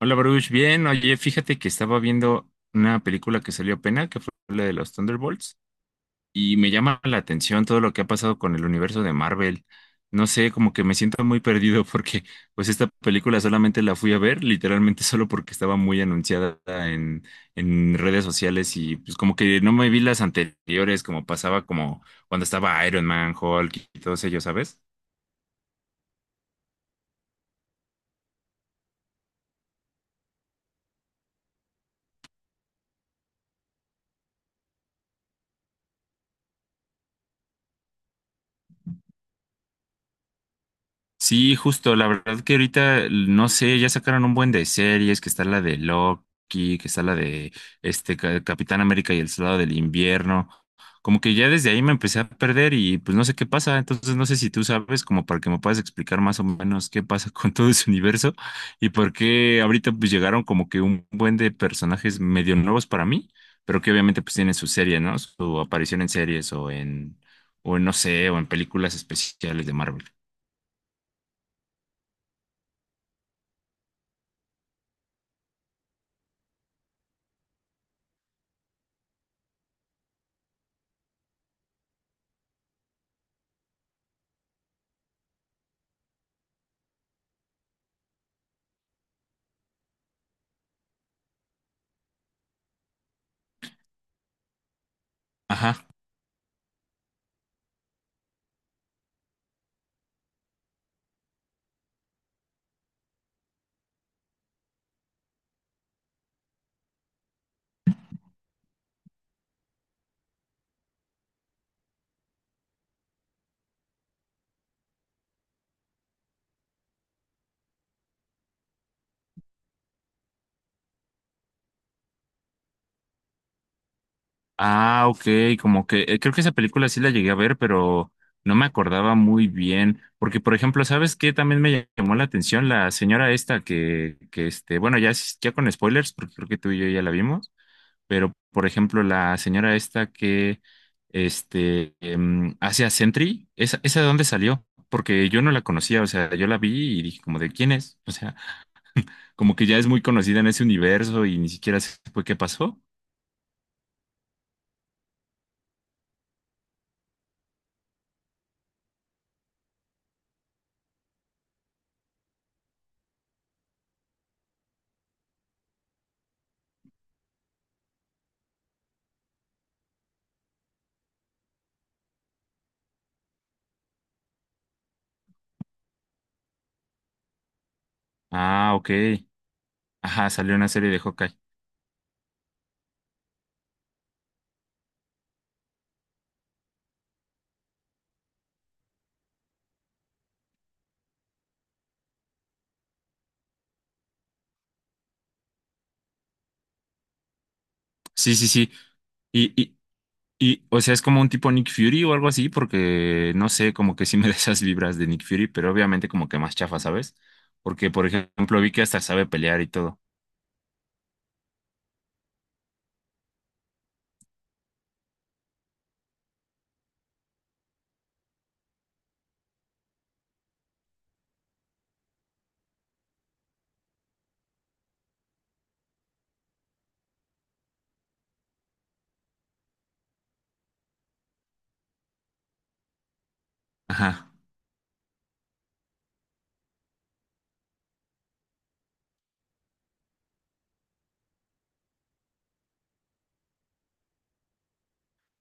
Hola Baruch, bien. Oye, fíjate que estaba viendo una película que salió apenas, que fue la de los Thunderbolts, y me llama la atención todo lo que ha pasado con el universo de Marvel. No sé, como que me siento muy perdido porque pues esta película solamente la fui a ver, literalmente solo porque estaba muy anunciada en redes sociales y pues como que no me vi las anteriores, como pasaba como cuando estaba Iron Man, Hulk y todos ellos, ¿sabes? Sí, justo, la verdad que ahorita, no sé, ya sacaron un buen de series, que está la de Loki, que está la de este Capitán América y el Soldado del Invierno. Como que ya desde ahí me empecé a perder y pues no sé qué pasa, entonces no sé si tú sabes como para que me puedas explicar más o menos qué pasa con todo ese universo y por qué ahorita pues llegaron como que un buen de personajes medio nuevos para mí, pero que obviamente pues tienen su serie, ¿no? Su aparición en series o en, no sé, o en películas especiales de Marvel. Ah, ok, como que creo que esa película sí la llegué a ver, pero no me acordaba muy bien, porque por ejemplo, ¿sabes qué? También me llamó la atención la señora esta que este, bueno, ya, ya con spoilers, porque creo que tú y yo ya la vimos, pero por ejemplo, la señora esta que, este, hace a Sentry. ¿Esa, esa de dónde salió? Porque yo no la conocía, o sea, yo la vi y dije como, ¿de quién es? O sea, como que ya es muy conocida en ese universo y ni siquiera sé qué pasó. Ah, ok. Ajá, salió una serie de Hawkeye. Sí, sí, sí. Y, y, o sea, es como un tipo Nick Fury o algo así, porque no sé, como que sí me da esas vibras de Nick Fury, pero obviamente como que más chafa, ¿sabes? Porque, por ejemplo, vi que hasta sabe pelear y todo. Ajá.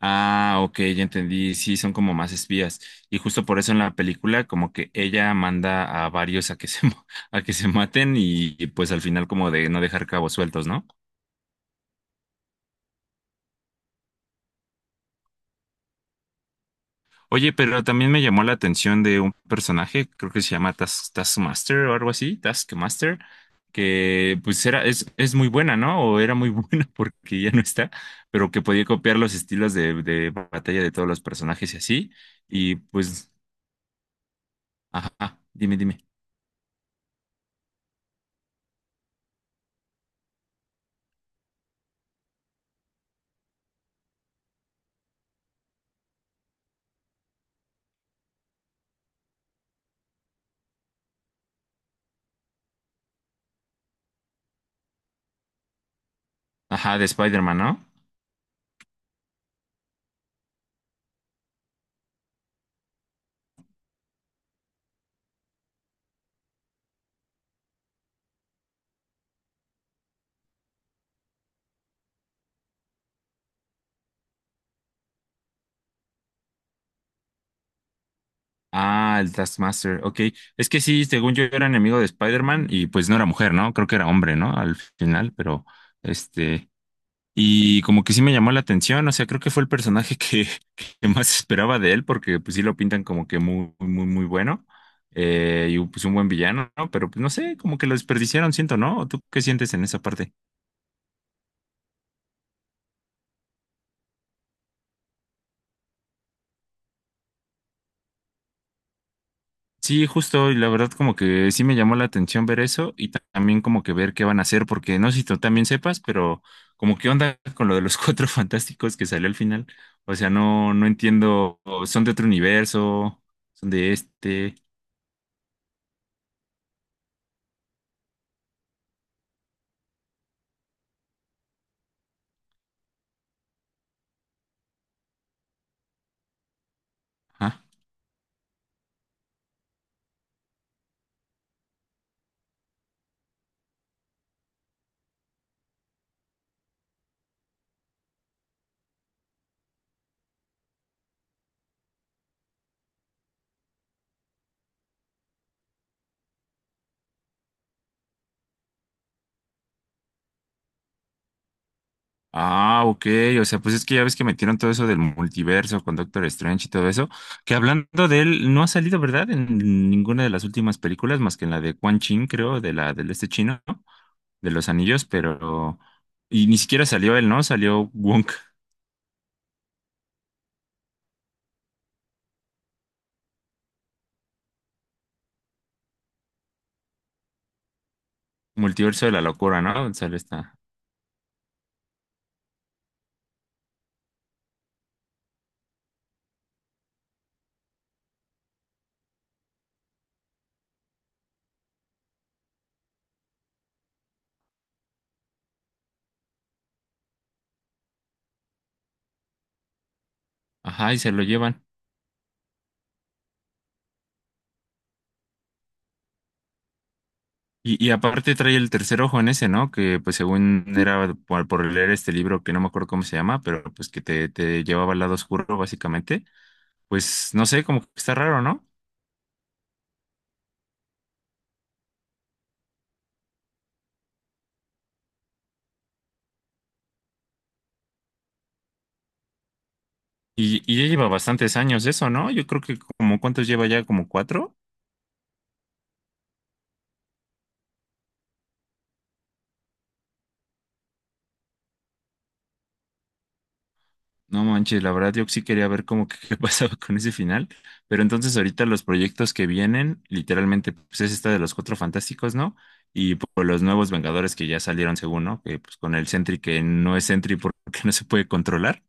Ah, ok, ya entendí. Sí, son como más espías. Y justo por eso en la película, como que ella manda a varios a que se, a que se maten y, pues al final como de no dejar cabos sueltos, ¿no? Oye, pero también me llamó la atención de un personaje, creo que se llama Taskmaster o algo así, Taskmaster, que pues era, es muy buena, ¿no? O era muy buena porque ya no está, pero que podía copiar los estilos de batalla de todos los personajes y así. Y pues, ajá, dime, dime. Ajá, de Spider-Man, ¿no? Ah, el Taskmaster, ok. Es que sí, según yo era enemigo de Spider-Man y pues no era mujer, ¿no? Creo que era hombre, ¿no? Al final, pero este... Y como que sí me llamó la atención, o sea, creo que fue el personaje que, que más esperaba de él, porque pues sí lo pintan como que muy, muy, muy bueno, y pues un buen villano, ¿no? Pero pues no sé, como que lo desperdiciaron, siento, ¿no? ¿O ¿Tú qué sientes en esa parte? Sí, justo, y la verdad como que sí me llamó la atención ver eso, y también como que ver qué van a hacer, porque no sé si tú también sepas, pero como qué onda con lo de los Cuatro Fantásticos que salió al final. O sea, no, no entiendo, ¿son de otro universo, son de este? Ajá. Ah, ok. O sea, pues es que ya ves que metieron todo eso del multiverso con Doctor Strange y todo eso. Que hablando de él, no ha salido, ¿verdad? En ninguna de las últimas películas, más que en la de Quan Chin, creo, de la del este chino, ¿no? De los anillos, pero. Y ni siquiera salió él, ¿no? Salió Wonk, multiverso de la locura, ¿no? Sale esta. Ajá, y se lo llevan. Y aparte trae el tercer ojo en ese, ¿no? Que pues según era por leer este libro que no me acuerdo cómo se llama, pero pues que te llevaba al lado oscuro, básicamente pues no sé, como que está raro, ¿no? Y ya lleva bastantes años eso, ¿no? Yo creo que como cuántos lleva ya, como cuatro. No manches, la verdad yo sí quería ver como que qué pasaba con ese final, pero entonces ahorita los proyectos que vienen, literalmente, pues es esta de los Cuatro Fantásticos, ¿no? Y por los nuevos Vengadores que ya salieron según, ¿no? Que pues con el Sentry que no es Sentry porque no se puede controlar.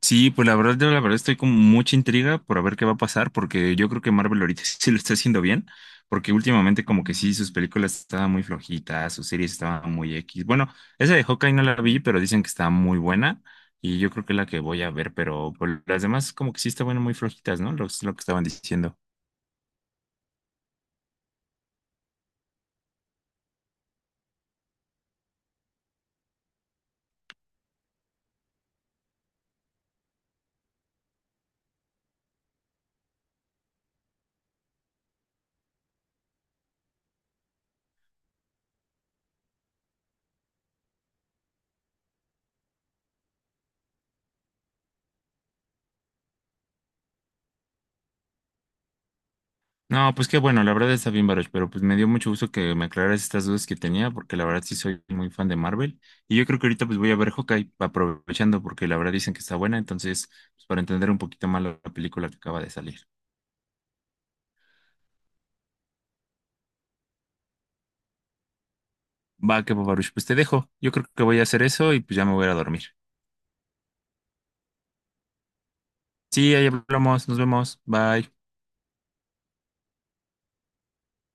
Sí, pues la verdad, yo la verdad estoy con mucha intriga por a ver qué va a pasar, porque yo creo que Marvel ahorita sí lo está haciendo bien, porque últimamente como que sí, sus películas estaban muy flojitas, sus series estaban muy X. Bueno, esa de Hawkeye no la vi, pero dicen que está muy buena y yo creo que es la que voy a ver, pero pues, las demás como que sí estaban muy flojitas, ¿no? Lo que estaban diciendo. No, pues qué bueno, la verdad está bien, Baruch, pero pues me dio mucho gusto que me aclararas estas dudas que tenía, porque la verdad sí soy muy fan de Marvel. Y yo creo que ahorita pues voy a ver Hawkeye aprovechando, porque la verdad dicen que está buena, entonces, pues para entender un poquito más la película que acaba de salir. Va, que va, Baruch, pues te dejo. Yo creo que voy a hacer eso y pues ya me voy a ir a dormir. Sí, ahí hablamos, nos vemos, bye.